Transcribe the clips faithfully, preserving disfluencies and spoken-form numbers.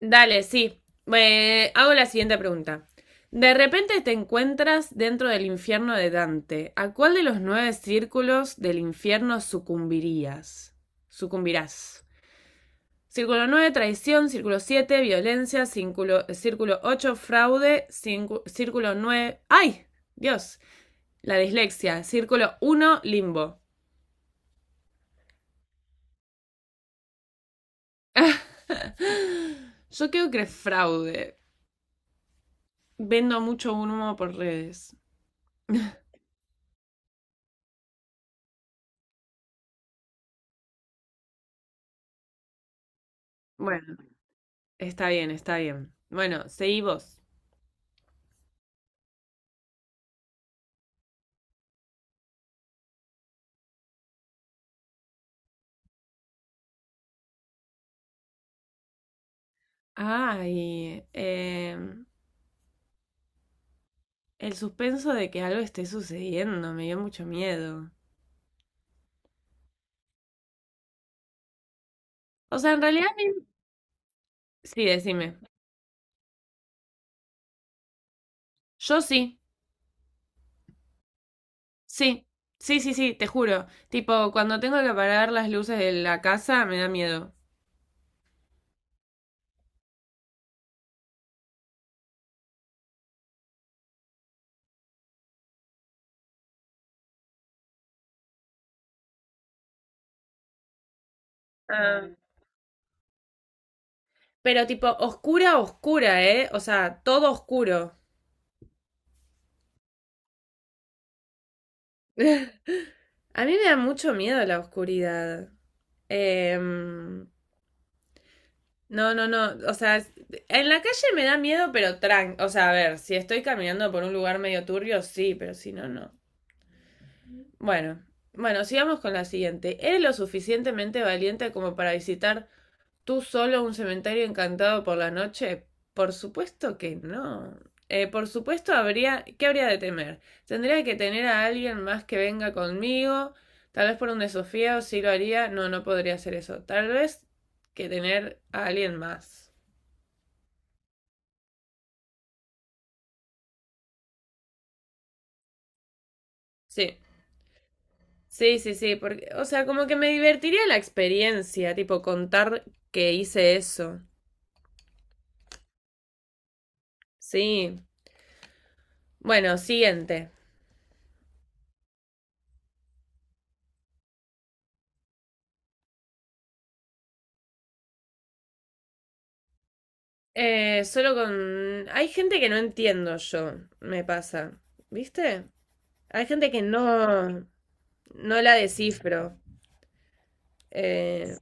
Dale, sí. Eh, hago la siguiente pregunta. De repente te encuentras dentro del infierno de Dante. ¿A cuál de los nueve círculos del infierno sucumbirías? Sucumbirás. Círculo nueve, traición. Círculo siete, violencia. Círculo, círculo ocho, fraude. Círculo, círculo nueve. ¡Ay! Dios. La dislexia. Círculo uno, limbo. Yo creo que es fraude. Vendo mucho humo por redes. Bueno. Está bien, está bien. Bueno, seguí vos. Ay, em, el suspenso de que algo esté sucediendo me dio mucho miedo. O sea, en realidad a mí- sí, decime. Yo sí, sí, sí, sí, sí, te juro. Tipo, cuando tengo que apagar las luces de la casa me da miedo. Ah, pero tipo, oscura, oscura, ¿eh? O sea, todo oscuro. A mí me da mucho miedo la oscuridad. Em, No, no, no. O sea, es- en la calle me da miedo, pero tran. O sea, a ver, si estoy caminando por un lugar medio turbio, sí, pero si no, no. Bueno, bueno, sigamos con la siguiente. ¿Eres lo suficientemente valiente como para visitar tú solo un cementerio encantado por la noche? Por supuesto que no. Eh, por supuesto habría, ¿qué habría de temer? Tendría que tener a alguien más que venga conmigo. Tal vez por un desafío, sí lo haría. No, no podría hacer eso. Tal vez que tener a alguien más. Sí. Sí, sí, sí, porque, o sea, como que me divertiría la experiencia, tipo contar que hice eso. Sí. Bueno, siguiente. Eh, solo con. Hay gente que no entiendo yo, me pasa. ¿Viste? Hay gente que no, no la descifro. Eh,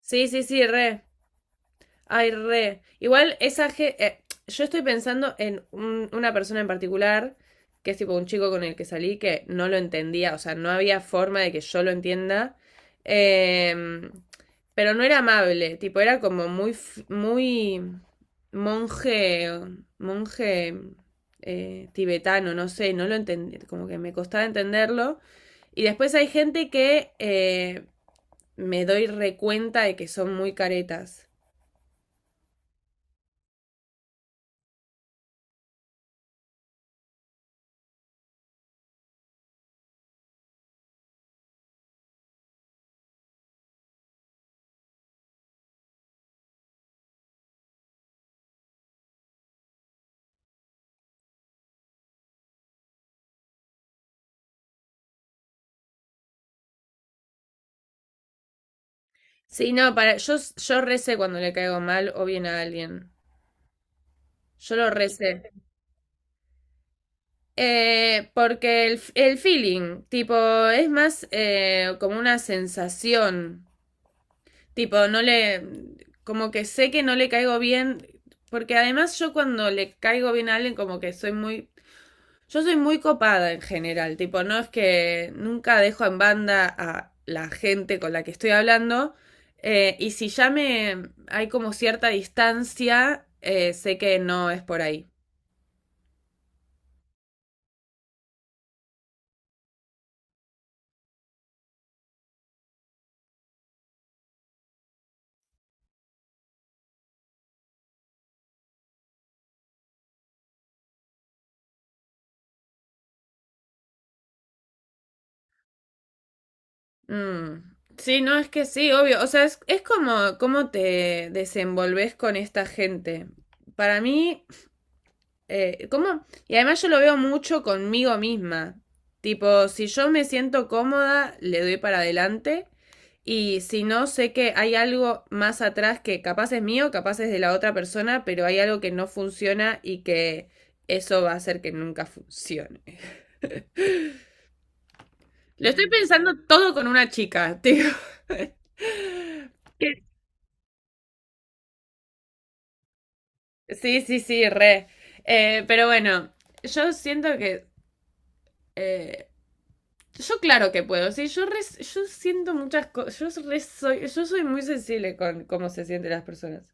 sí, sí, sí, re. Ay, re. Igual esa ge- eh, yo estoy pensando en un- una persona en particular, que es tipo un chico con el que salí, que no lo entendía, o sea, no había forma de que yo lo entienda. Em, pero no era amable, tipo, era como muy, f- muy monje, monje eh, tibetano, no sé, no lo entendí, como que me costaba entenderlo. Y después hay gente que eh, me doy recuenta de que son muy caretas. Sí, no, para, yo, yo recé cuando le caigo mal o bien a alguien. Yo lo recé. Eh, porque el, el feeling, tipo, es más eh, como una sensación. Tipo, no le, como que sé que no le caigo bien, porque además yo cuando le caigo bien a alguien, como que soy muy Yo soy muy copada en general, tipo, no es que nunca dejo en banda a la gente con la que estoy hablando. eh, y si ya me hay como cierta distancia, eh, sé que no es por ahí. Mm. Sí, no, es que sí, obvio. O sea, es, es como cómo te desenvolves con esta gente. Para mí, Eh, ¿cómo? Y además yo lo veo mucho conmigo misma. Tipo, si yo me siento cómoda, le doy para adelante. Y si no, sé que hay algo más atrás que capaz es mío, capaz es de la otra persona, pero hay algo que no funciona y que eso va a hacer que nunca funcione. Lo estoy pensando todo con una chica, tío. Que- sí, sí, sí, re. Eh, pero bueno, yo siento que eh, yo claro que puedo, sí, yo, re- yo siento muchas cosas, yo, re soy, yo soy muy sensible con cómo se sienten las personas.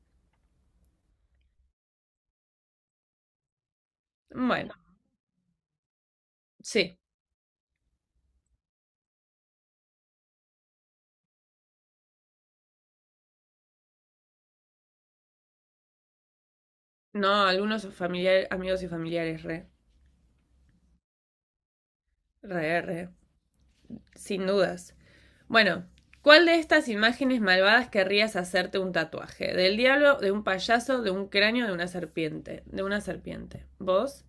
Bueno, sí, no, algunos familiares, amigos y familiares, re, re, re, sin dudas. Bueno, ¿cuál de estas imágenes malvadas querrías hacerte un tatuaje? ¿Del diablo, de un payaso, de un cráneo, de una serpiente? De una serpiente. ¿Vos?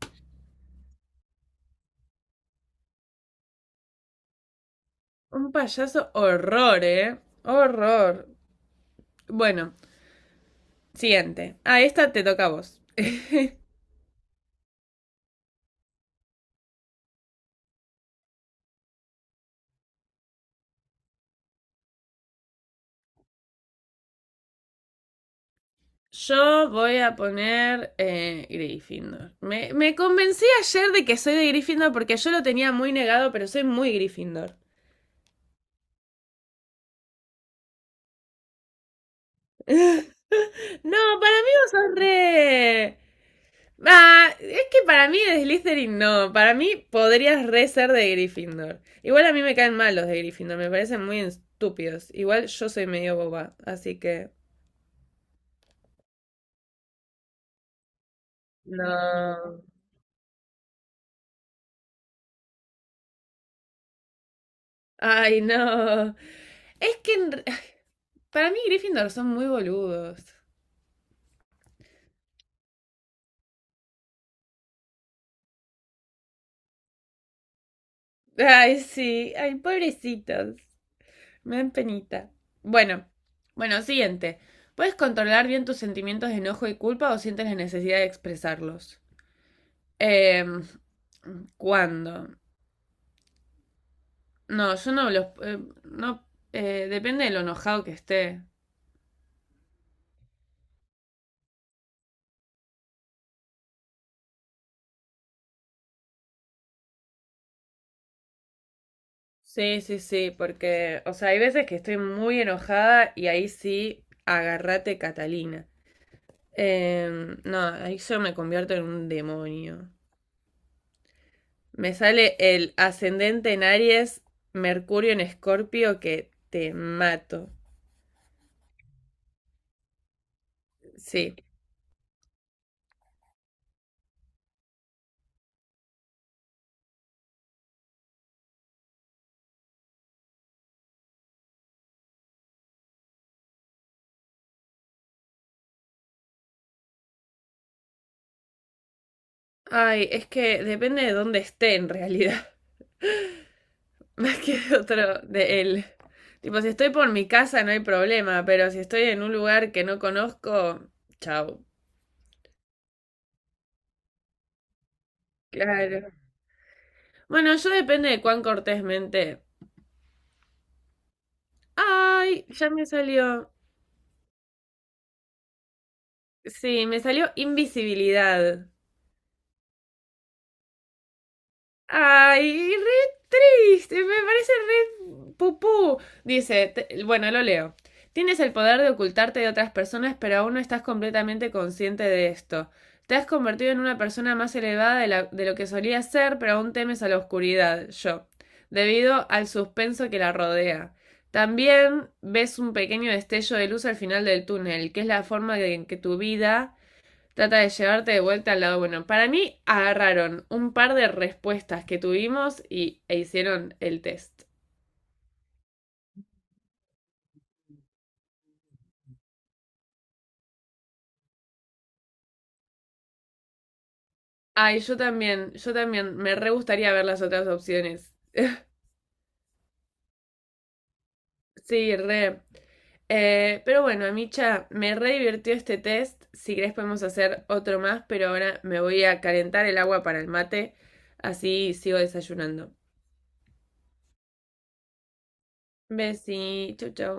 Un payaso, horror, ¿eh? Horror. Bueno, siguiente. Ah, esta te toca a vos. Yo voy a poner eh, Gryffindor. Me, me convencí ayer de que soy de Gryffindor porque yo lo tenía muy negado, pero soy muy Gryffindor. No, para mí vos sos re. Ah, es que para mí de Slytherin no. Para mí podrías re ser de Gryffindor. Igual a mí me caen mal los de Gryffindor, me parecen muy estúpidos. Igual yo soy medio boba, así que. No. Ay, no. Es que en re- para mí Gryffindor son muy boludos. Ay, sí, ay, pobrecitos. Me dan penita. Bueno, bueno, siguiente. ¿Puedes controlar bien tus sentimientos de enojo y culpa o sientes la necesidad de expresarlos? Eh, ¿Cuándo? No, yo no los. eh, no, eh, depende de lo enojado que esté. Sí, sí, sí, porque, o sea, hay veces que estoy muy enojada y ahí sí, agárrate, Catalina. Eh, no, ahí yo me convierto en un demonio. Me sale el ascendente en Aries, Mercurio en Escorpio, que te mato. Sí. Ay, es que depende de dónde esté en realidad. Más que de otro, de él. Tipo, si estoy por mi casa no hay problema, pero si estoy en un lugar que no conozco, chao. Claro. Bueno, yo depende de cuán cortésmente. Ay, ya me salió. Sí, me salió invisibilidad. Ay, re triste, me parece re pupú. Dice, te- bueno, lo leo. Tienes el poder de ocultarte de otras personas, pero aún no estás completamente consciente de esto. Te has convertido en una persona más elevada de, la- de lo que solías ser, pero aún temes a la oscuridad, yo, debido al suspenso que la rodea. También ves un pequeño destello de luz al final del túnel, que es la forma en que tu vida trata de llevarte de vuelta al lado bueno. Para mí agarraron un par de respuestas que tuvimos y, e hicieron el test. Ay, yo también, yo también, me re gustaría ver las otras opciones. Sí, re. Eh, pero bueno, Amicha, me re divirtió este test. Si querés podemos hacer otro más, pero ahora me voy a calentar el agua para el mate. Así sigo desayunando. Besi, chau chau.